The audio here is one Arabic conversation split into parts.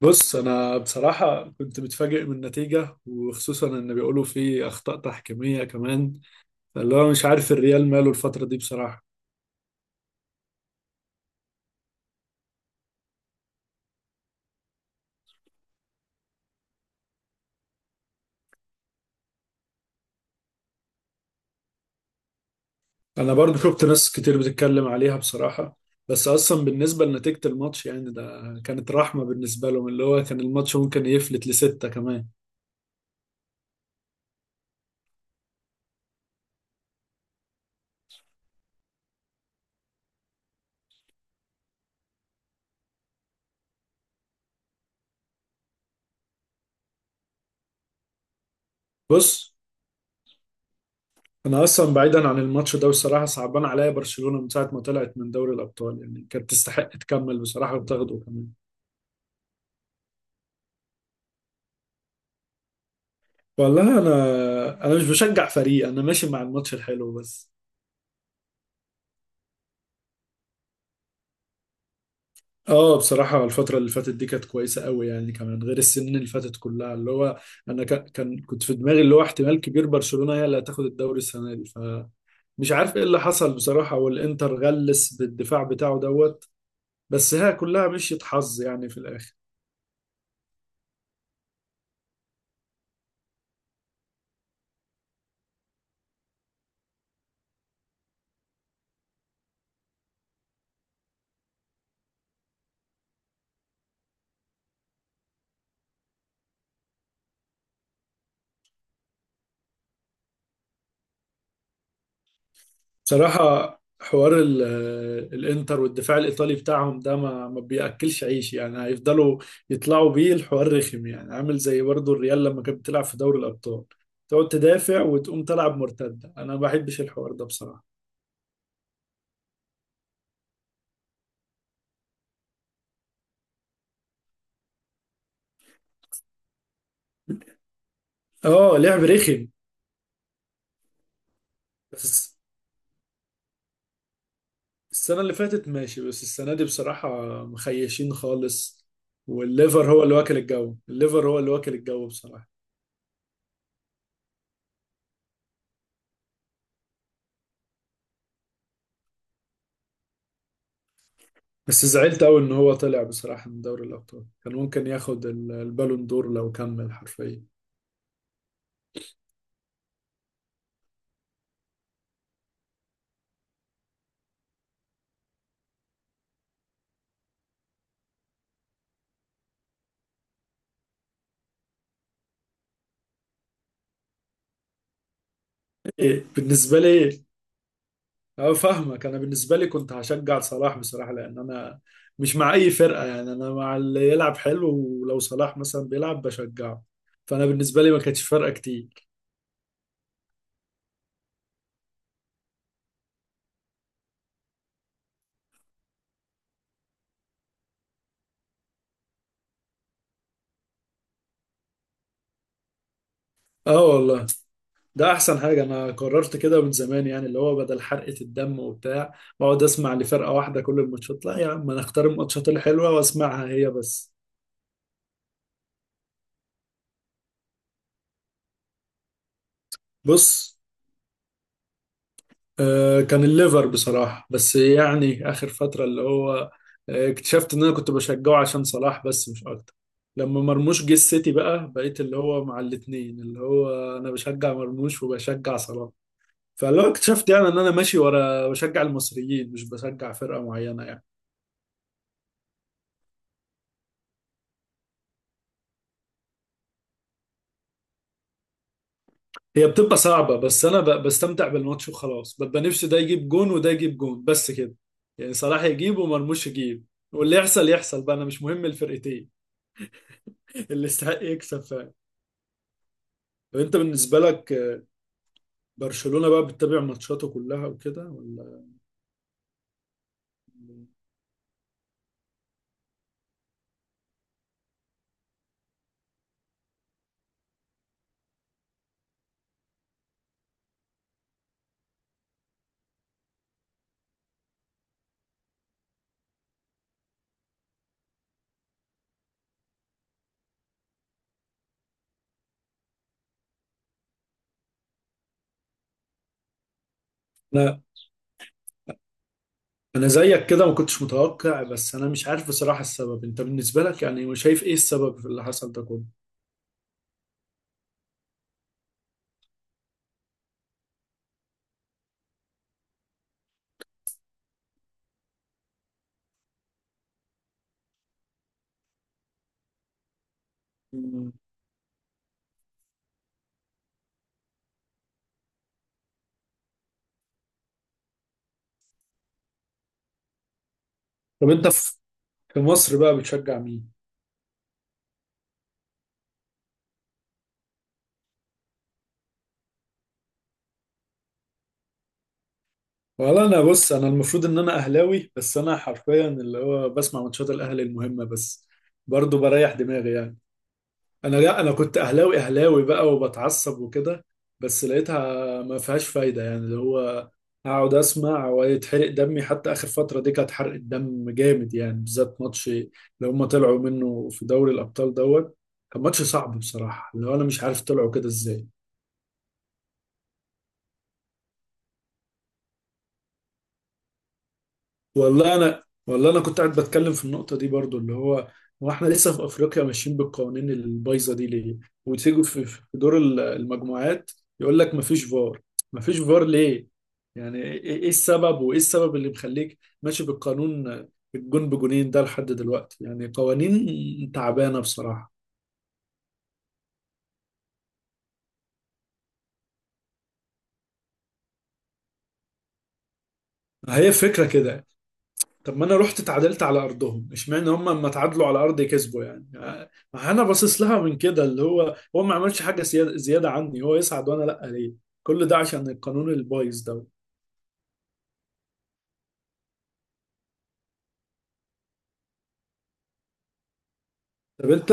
بص، انا بصراحه كنت متفاجئ من النتيجه، وخصوصا ان بيقولوا في اخطاء تحكيميه كمان اللي هو مش عارف الريال ماله الفتره دي بصراحه. انا برضو شفت ناس كتير بتتكلم عليها بصراحه، بس اصلا بالنسبه لنتيجه الماتش يعني ده كانت رحمه بالنسبه لهم اللي هو كان الماتش ممكن يفلت لسته كمان. بص، انا اصلا بعيدا عن الماتش ده بصراحه صعبان عليا برشلونه من ساعه ما طلعت من دوري الابطال، يعني كانت تستحق تكمل بصراحه وتاخده كمان. والله انا مش بشجع فريق، انا ماشي مع الماتش الحلو بس. اه، بصراحة الفترة اللي فاتت دي كانت كويسة قوي يعني، كمان غير السنين اللي فاتت كلها، اللي هو انا ك- كان كنت في دماغي اللي هو احتمال كبير برشلونة هي اللي هتاخد الدوري السنة دي، فمش عارف ايه اللي حصل بصراحة، والانتر غلس بالدفاع بتاعه دوت. بس هي كلها مشيت حظ يعني في الاخر. بصراحة حوار الانتر والدفاع الإيطالي بتاعهم ده ما بيأكلش عيش، يعني هيفضلوا يطلعوا بيه الحوار رخم، يعني عامل زي برضو الريال لما كانت بتلعب في دوري الأبطال، تقعد تدافع وتقوم تلعب مرتدة. أنا ما بحبش الحوار ده بصراحة. اه، لعب رخم. بس السنة اللي فاتت ماشي، بس السنة دي بصراحة مخيشين خالص. والليفر هو اللي واكل الجو، الليفر هو اللي واكل الجو بصراحة. بس زعلت أوي إن هو طلع بصراحة من دوري الأبطال، كان ممكن ياخد البالون دور لو كمل حرفيا. إيه بالنسبة لي؟ أه، فاهمك. أنا بالنسبة لي كنت هشجع صلاح بصراحة لأن أنا مش مع أي فرقة، يعني أنا مع اللي يلعب حلو. ولو صلاح مثلا بيلعب بشجعه، فأنا بالنسبة لي ما كانتش فارقة كتير. أه والله، ده أحسن حاجة. أنا قررت كده من زمان، يعني اللي هو بدل حرقة الدم وبتاع بقعد أسمع لفرقة واحدة كل الماتشات. لا يا عم، أنا أختار الماتشات الحلوة وأسمعها هي بس. بص، كان الليفر بصراحة بس، يعني آخر فترة اللي هو اكتشفت إن أنا كنت بشجعه عشان صلاح بس مش أكتر. لما مرموش جه السيتي بقى، بقيت اللي هو مع الاتنين، اللي هو أنا بشجع مرموش وبشجع صلاح. فاللي هو اكتشفت يعني إن أنا ماشي ورا بشجع المصريين، مش بشجع فرقة معينة يعني. هي بتبقى صعبة بس أنا بستمتع بالماتش وخلاص، ببقى نفسي ده يجيب جون وده يجيب جون بس كده، يعني صلاح يجيب ومرموش يجيب. واللي يحصل يحصل بقى، أنا مش مهم الفرقتين. اللي يستحق يكسب فعلا. طب انت بالنسبه لك، برشلونه بقى بتتابع ماتشاته كلها وكده ولا؟ لا، انا زيك كده ما كنتش متوقع، بس انا مش عارف بصراحه السبب. انت بالنسبه لك يعني شايف ايه السبب في اللي حصل ده كله؟ مم. طب انت في مصر بقى بتشجع مين؟ والله انا، بص انا المفروض ان انا اهلاوي، بس انا حرفيا اللي هو بسمع ماتشات الاهلي المهمه بس، برضه بريح دماغي يعني. انا، لا انا كنت اهلاوي اهلاوي بقى وبتعصب وكده، بس لقيتها ما فيهاش فايده، يعني اللي هو اقعد اسمع ويتحرق دمي. حتى اخر فتره دي كانت حرق الدم جامد، يعني بالذات ماتش اللي هم طلعوا منه في دوري الابطال دوت. كان ماتش صعب بصراحه، اللي هو انا مش عارف طلعوا كده ازاي. والله انا كنت قاعد بتكلم في النقطه دي برضو، اللي هو احنا لسه في افريقيا ماشيين بالقوانين البايظه دي ليه؟ وتيجوا في دور المجموعات، يقول لك مفيش فار. مفيش فار ليه؟ يعني ايه؟ إيه السبب، وايه السبب اللي مخليك ماشي بالقانون الجون بجونين ده لحد دلوقتي؟ يعني قوانين تعبانه بصراحه. هي فكره كده، طب ما انا رحت اتعادلت على ارضهم، اشمعنى هم لما اتعادلوا على ارضي كسبوا يعني. ما انا باصص لها من كده اللي هو ما عملش حاجه زياده زياده عني، هو يصعد وانا لا، ليه؟ كل ده عشان القانون البايظ ده. طب انت،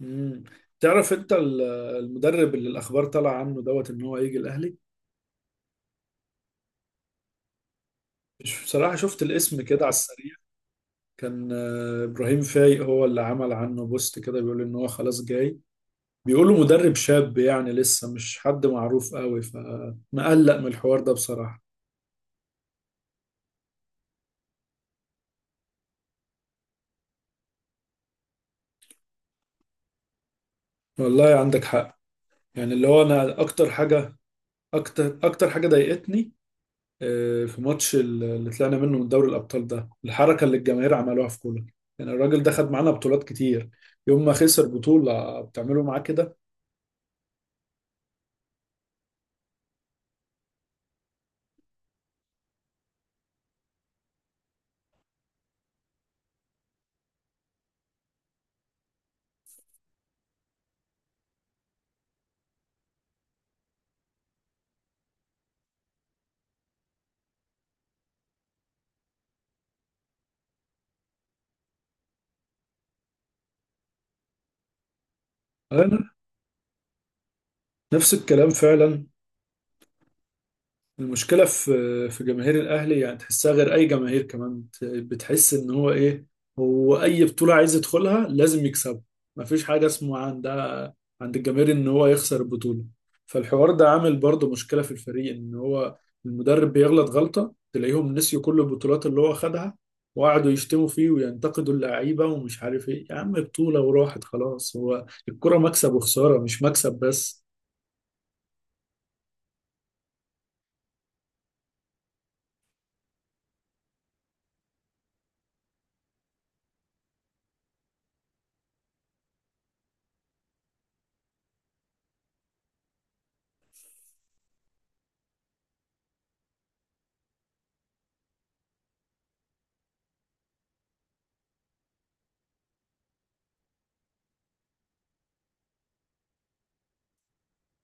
مم. تعرف انت المدرب اللي الاخبار طالعه عنه دوت ان هو هيجي الاهلي؟ مش بصراحه، شفت الاسم كده على السريع، كان ابراهيم فايق هو اللي عمل عنه بوست كده بيقول ان هو خلاص جاي. بيقولوا مدرب شاب يعني لسه مش حد معروف قوي، فمقلق من الحوار ده بصراحه. والله عندك حق، يعني اللي هو انا اكتر حاجه ضايقتني، في ماتش اللي طلعنا منه من دوري الابطال ده، الحركه اللي الجماهير عملوها في كولر. يعني الراجل ده خد معانا بطولات كتير، يوم ما خسر بطوله بتعملوا معاه كده؟ انا نفس الكلام فعلا. المشكله في جماهير الاهلي يعني، تحسها غير اي جماهير كمان بتحس ان هو ايه، هو اي بطوله عايز يدخلها لازم يكسبها، مفيش حاجه اسمها عند الجماهير ان هو يخسر البطوله. فالحوار ده عامل برضه مشكله في الفريق، ان هو المدرب بيغلط غلطه تلاقيهم نسيوا كل البطولات اللي هو خدها، وقعدوا يشتموا فيه وينتقدوا اللعيبه ومش عارف ايه. يا عم بطوله وراحت خلاص، هو الكره مكسب وخساره مش مكسب بس.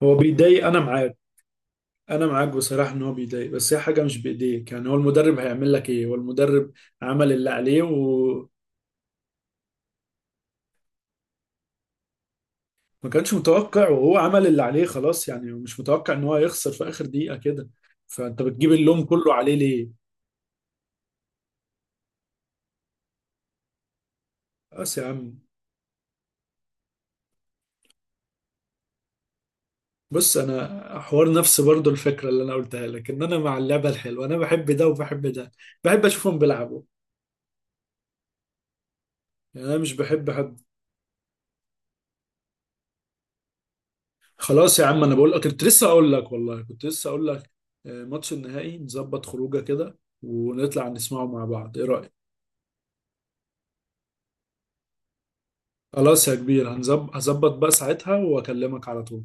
هو بيضايق، انا معاك. انا معاك بصراحه ان هو بيضايق، بس هي حاجه مش بايديك يعني. هو المدرب هيعمل لك ايه؟ هو المدرب عمل اللي عليه و... ما كانش متوقع، وهو عمل اللي عليه خلاص يعني. مش متوقع ان هو يخسر في اخر دقيقة كده، فانت بتجيب اللوم كله عليه ليه؟ بس يا عم، بص انا حوار نفسي برضو الفكرة اللي انا قلتها لك ان انا مع اللعبة الحلوة، انا بحب ده وبحب ده، بحب اشوفهم بيلعبوا. يعني انا مش بحب حد. خلاص يا عم، انا بقول لك كنت لسه اقول لك، والله كنت لسه اقول لك، ماتش النهائي نظبط خروجه كده، ونطلع نسمعه مع بعض، ايه رأيك؟ خلاص يا كبير، هظبط بقى ساعتها واكلمك على طول.